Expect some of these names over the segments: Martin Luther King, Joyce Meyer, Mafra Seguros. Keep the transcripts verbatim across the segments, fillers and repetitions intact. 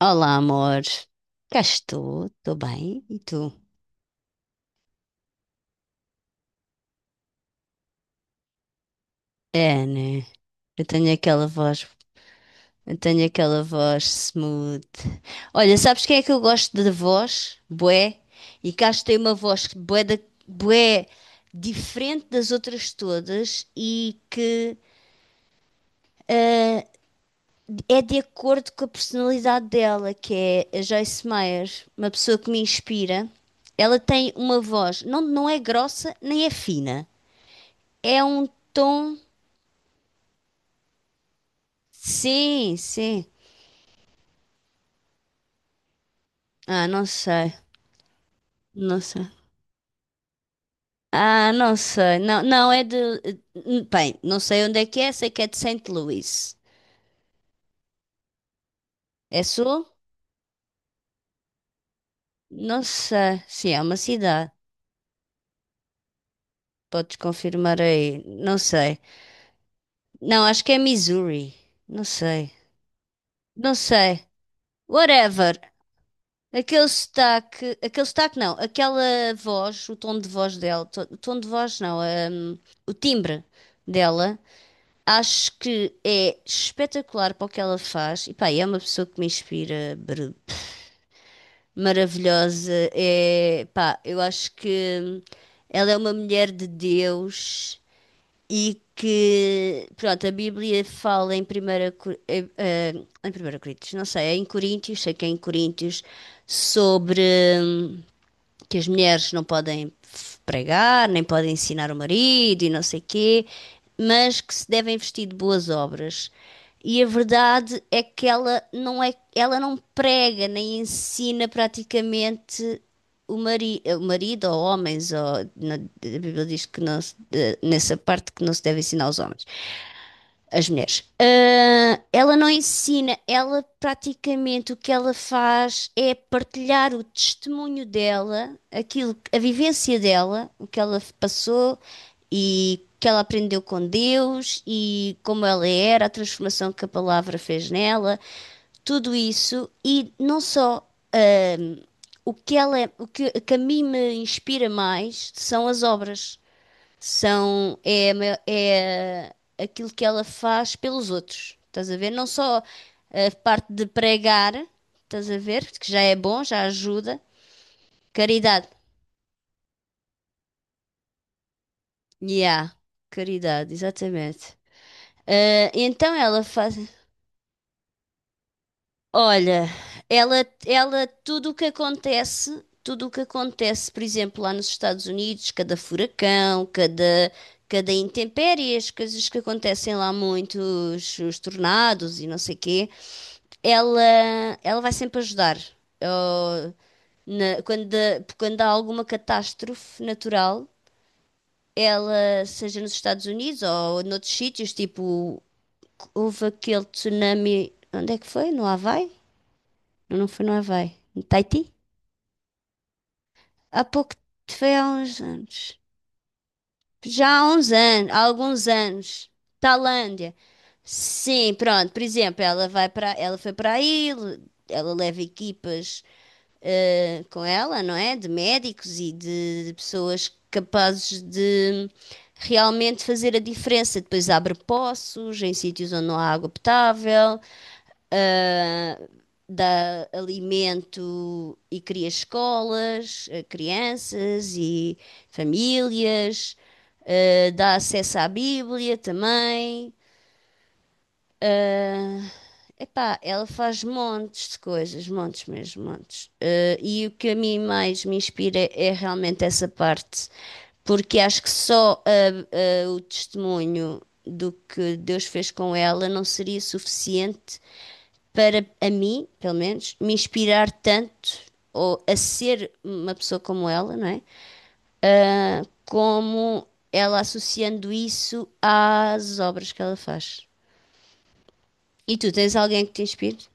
Olá, amor. Cá estou, estou bem. E tu? É, né? Eu tenho aquela voz, eu tenho aquela voz smooth. Olha, sabes quem é que eu gosto de voz? Bué. E cá tem uma voz bué, da, bué diferente das outras todas e que é de acordo com a personalidade dela, que é a Joyce Meyer, uma pessoa que me inspira. Ela tem uma voz, não, não é grossa nem é fina. É um tom. Sim, sim. Ah, não sei. Não sei. Ah, não sei. Não, não é de. Bem, não sei onde é que é, sei que é de Saint Louis. É sul? Não sei. Sim, é uma cidade. Podes confirmar aí. Não sei. Não, acho que é Missouri. Não sei. Não sei. Whatever. Aquele sotaque. Aquele sotaque não. Aquela voz, o tom de voz dela. to- O tom de voz não. hum, o timbre dela. Acho que é espetacular para o que ela faz. E pá, é uma pessoa que me inspira, br- maravilhosa. É, pá, eu acho que ela é uma mulher de Deus e que, pronto, a Bíblia fala em primeira, Cor- eh, eh, em primeira Coríntios, não sei, é em Coríntios, sei que é em Coríntios, sobre hum, que as mulheres não podem pregar, nem podem ensinar o marido e não sei quê, mas que se devem vestir de boas obras. E a verdade é que ela não é, ela não prega nem ensina praticamente o, mari, o marido ou homens, ou na- a Bíblia diz que não eh, nessa parte que não se deve ensinar aos homens as mulheres. Ah, ela não ensina, ela praticamente o que ela faz é partilhar o testemunho dela, aquilo, a vivência dela, o que ela passou e o que ela aprendeu com Deus e como ela era, a transformação que a palavra fez nela, tudo isso e não só ah, o que ela, é, o que, que a mim me inspira mais são as obras. São, é, a ma- é aquilo que ela faz pelos outros, estás a ver? Não só a parte de pregar, estás a ver? Que já é bom, já ajuda. Caridade. Yeah, caridade, exatamente. Ah, então ela faz. Olha, ela, ela, tudo o que acontece, tudo o que acontece, por exemplo, lá nos Estados Unidos, cada furacão, cada, cada intempérie, as coisas que acontecem lá muito, os, os tornados e não sei quê, ela, ela vai sempre ajudar. Ou na- quando, quando há alguma catástrofe natural, ela, seja nos Estados Unidos ou noutros sítios, tipo, houve aquele tsunami. Onde é que foi? No Havaí? Não, não foi no Havaí. No Tahiti? Há pouco, foi há uns anos. Já há uns anos, há alguns anos. Tailândia. Sim, pronto. Por exemplo, ela vai para, ela foi para aí, ela leva equipas eh, com ela, não é? De médicos e de, de pessoas capazes de realmente fazer a diferença. Depois abre poços em sítios onde não há água potável, dá alimento e cria escolas, a crianças e famílias, eh, dá acesso à Bíblia também. Epá, ela faz montes de coisas, montes mesmo, montes. Eh, e o que a mim mais me inspira é é realmente essa parte, porque acho que só eh, eh, o testemunho do que Deus fez com ela não seria suficiente para a mim, pelo menos, me inspirar tanto ou a ser uma pessoa como ela, não é? Ah, como ela associando isso às obras que ela faz. E tu tens alguém que te inspire?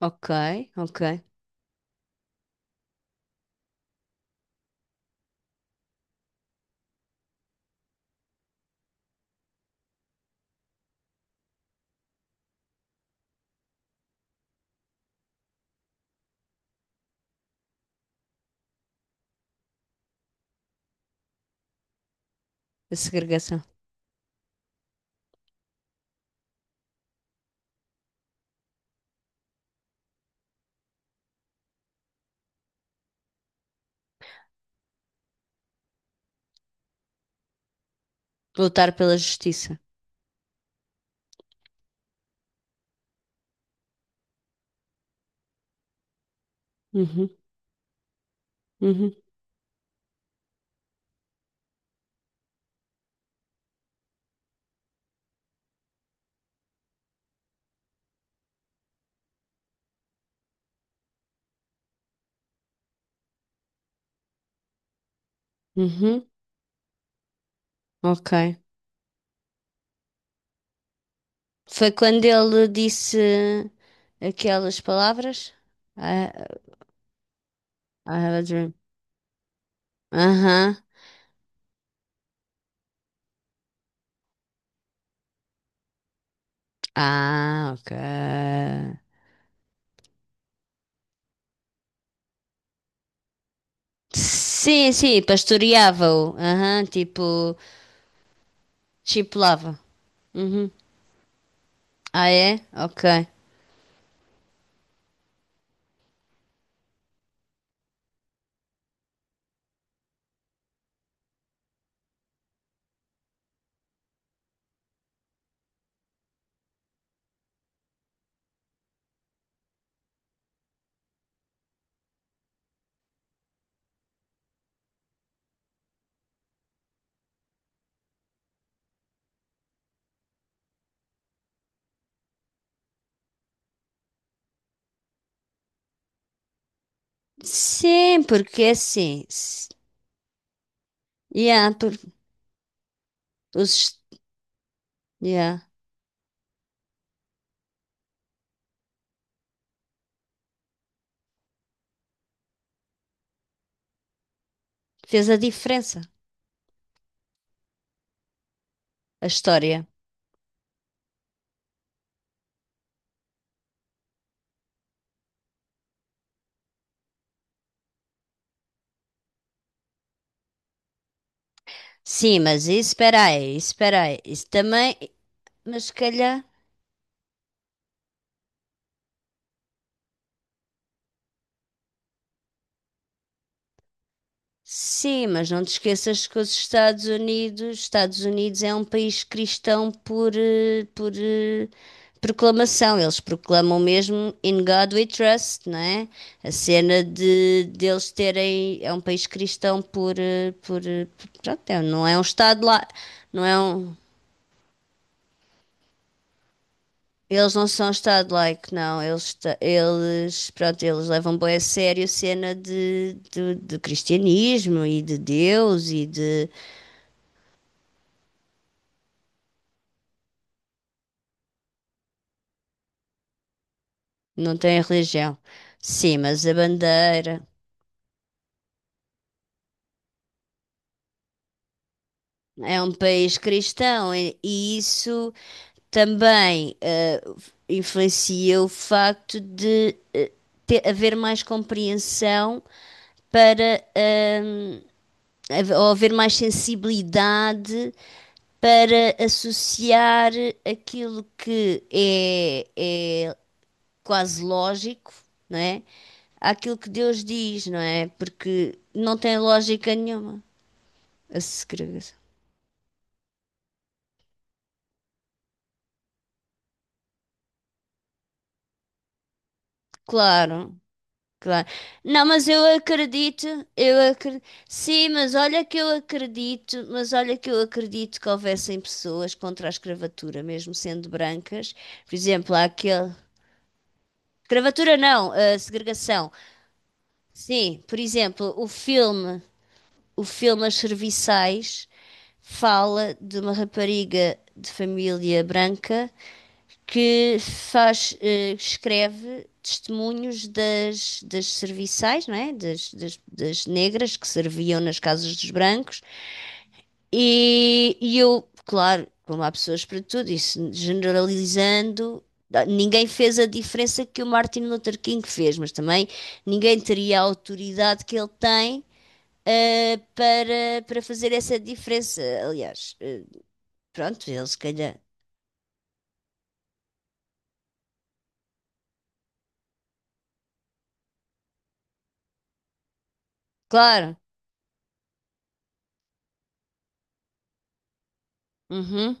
Ok, ok. A segregação. Lutar pela justiça. Uhum, uhum, uhum. Ok. Foi quando ele disse aquelas palavras? I, I have a dream. Aham. Ah, ok. Sim, sim, pastoreava-o. Aham, tipo, chipulava. Uhum. Ah, é? Ok. Sim, porque é assim. s- Yeah, por, os, yeah, fez a diferença. A história. Sim, mas isso, espera aí, isso, espera aí. Isso também, mas se calhar, sim, mas não te esqueças que os Estados Unidos, Estados Unidos é um país cristão por, eh, por eh, proclamação. Eles proclamam mesmo In God We Trust, não é? A cena de deles terem, é um país cristão por, eh, por, eh, por- pronto, é, não é um Estado lá, não é um, eles não são estado-like, não. Eles, ta- eles, pronto, eles levam bem a sério a cena de, do, do cristianismo e de Deus e de... Não têm religião. Sim, mas a bandeira é um país cristão e, e isso também eh, influencia o facto de eh, ter, haver mais compreensão para... ehm, haver- ou haver mais sensibilidade para associar aquilo que é, é quase lógico, não é? Àquilo que Deus diz, não é? Porque não tem lógica nenhuma a segregação. Claro, claro. Não, mas eu acredito, eu acredito. Sim, mas olha que eu acredito, mas olha que eu acredito que houvessem pessoas contra a escravatura, mesmo sendo brancas. Por exemplo, há aquele. Escravatura não, a segregação. Sim, por exemplo, o filme, o filme As Serviçais fala de uma rapariga de família branca que faz, eh, escreve testemunhos das, das serviçais, não é? Das, das, das negras que serviam nas casas dos brancos e, e eu, claro, como há pessoas para tudo, isso generalizando, ninguém fez a diferença que o Martin Luther King fez, mas também ninguém teria a autoridade que ele tem. Eh, para, para fazer essa diferença. Aliás, eh, pronto, ele se calhar. Claro. Uhum,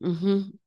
uhum,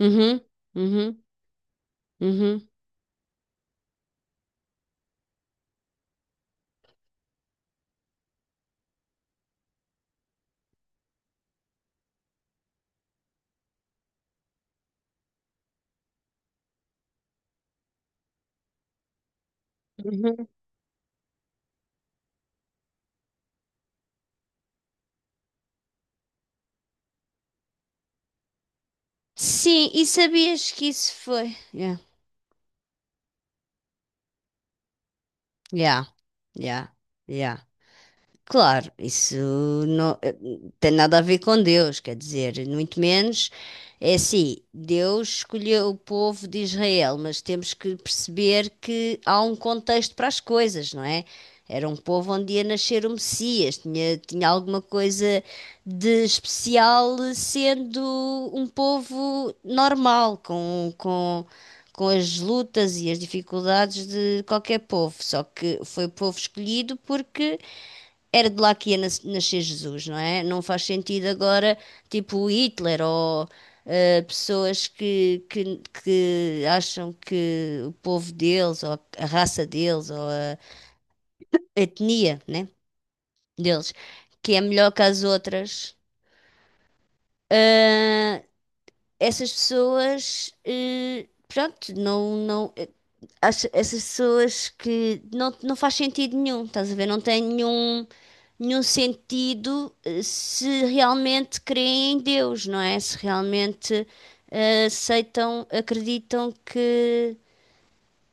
uhum, uhum, uhum, uhum. Sim, e sabias que isso foi? Yeah, yeah, yeah, yeah. Claro, isso não eh, tem nada a ver com Deus, quer dizer, muito menos. É assim, Deus escolheu o povo de Israel, mas temos que perceber que há um contexto para as coisas, não é? Era um povo onde ia nascer o Messias, tinha, tinha alguma coisa de especial, eh, sendo um povo normal, com, com, com as lutas e as dificuldades de qualquer povo. Só que foi povo escolhido porque era de lá que ia nas- nascer Jesus, não é? Não faz sentido agora, tipo o Hitler ou eh, pessoas que, que, que acham que o povo deles, ou a raça deles, ou a etnia, né, deles, que é melhor que as outras. Ah, essas pessoas, eh, pronto, não, não. As- essas pessoas que não, não faz sentido nenhum, estás a ver? Não tem nenhum, nenhum sentido eh, se realmente creem em Deus, não é? Se realmente eh, aceitam, acreditam que.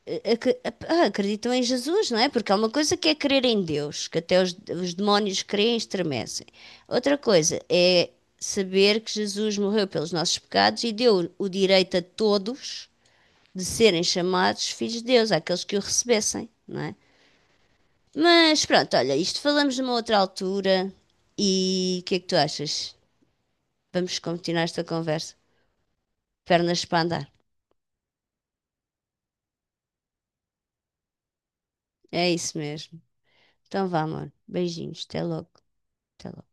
eh, acre- ah, Acreditam em Jesus, não é? Porque há uma coisa que é crer em Deus, que até os, os demónios creem e estremecem. Outra coisa é saber que Jesus morreu pelos nossos pecados e deu o direito a todos de serem chamados filhos de Deus, àqueles que o recebessem, não é? Mas pronto, olha, isto falamos numa outra altura e o que é que tu achas? Vamos continuar esta conversa. Pernas para andar. É isso mesmo. Então vá, amor. Beijinhos. Até logo. Até logo.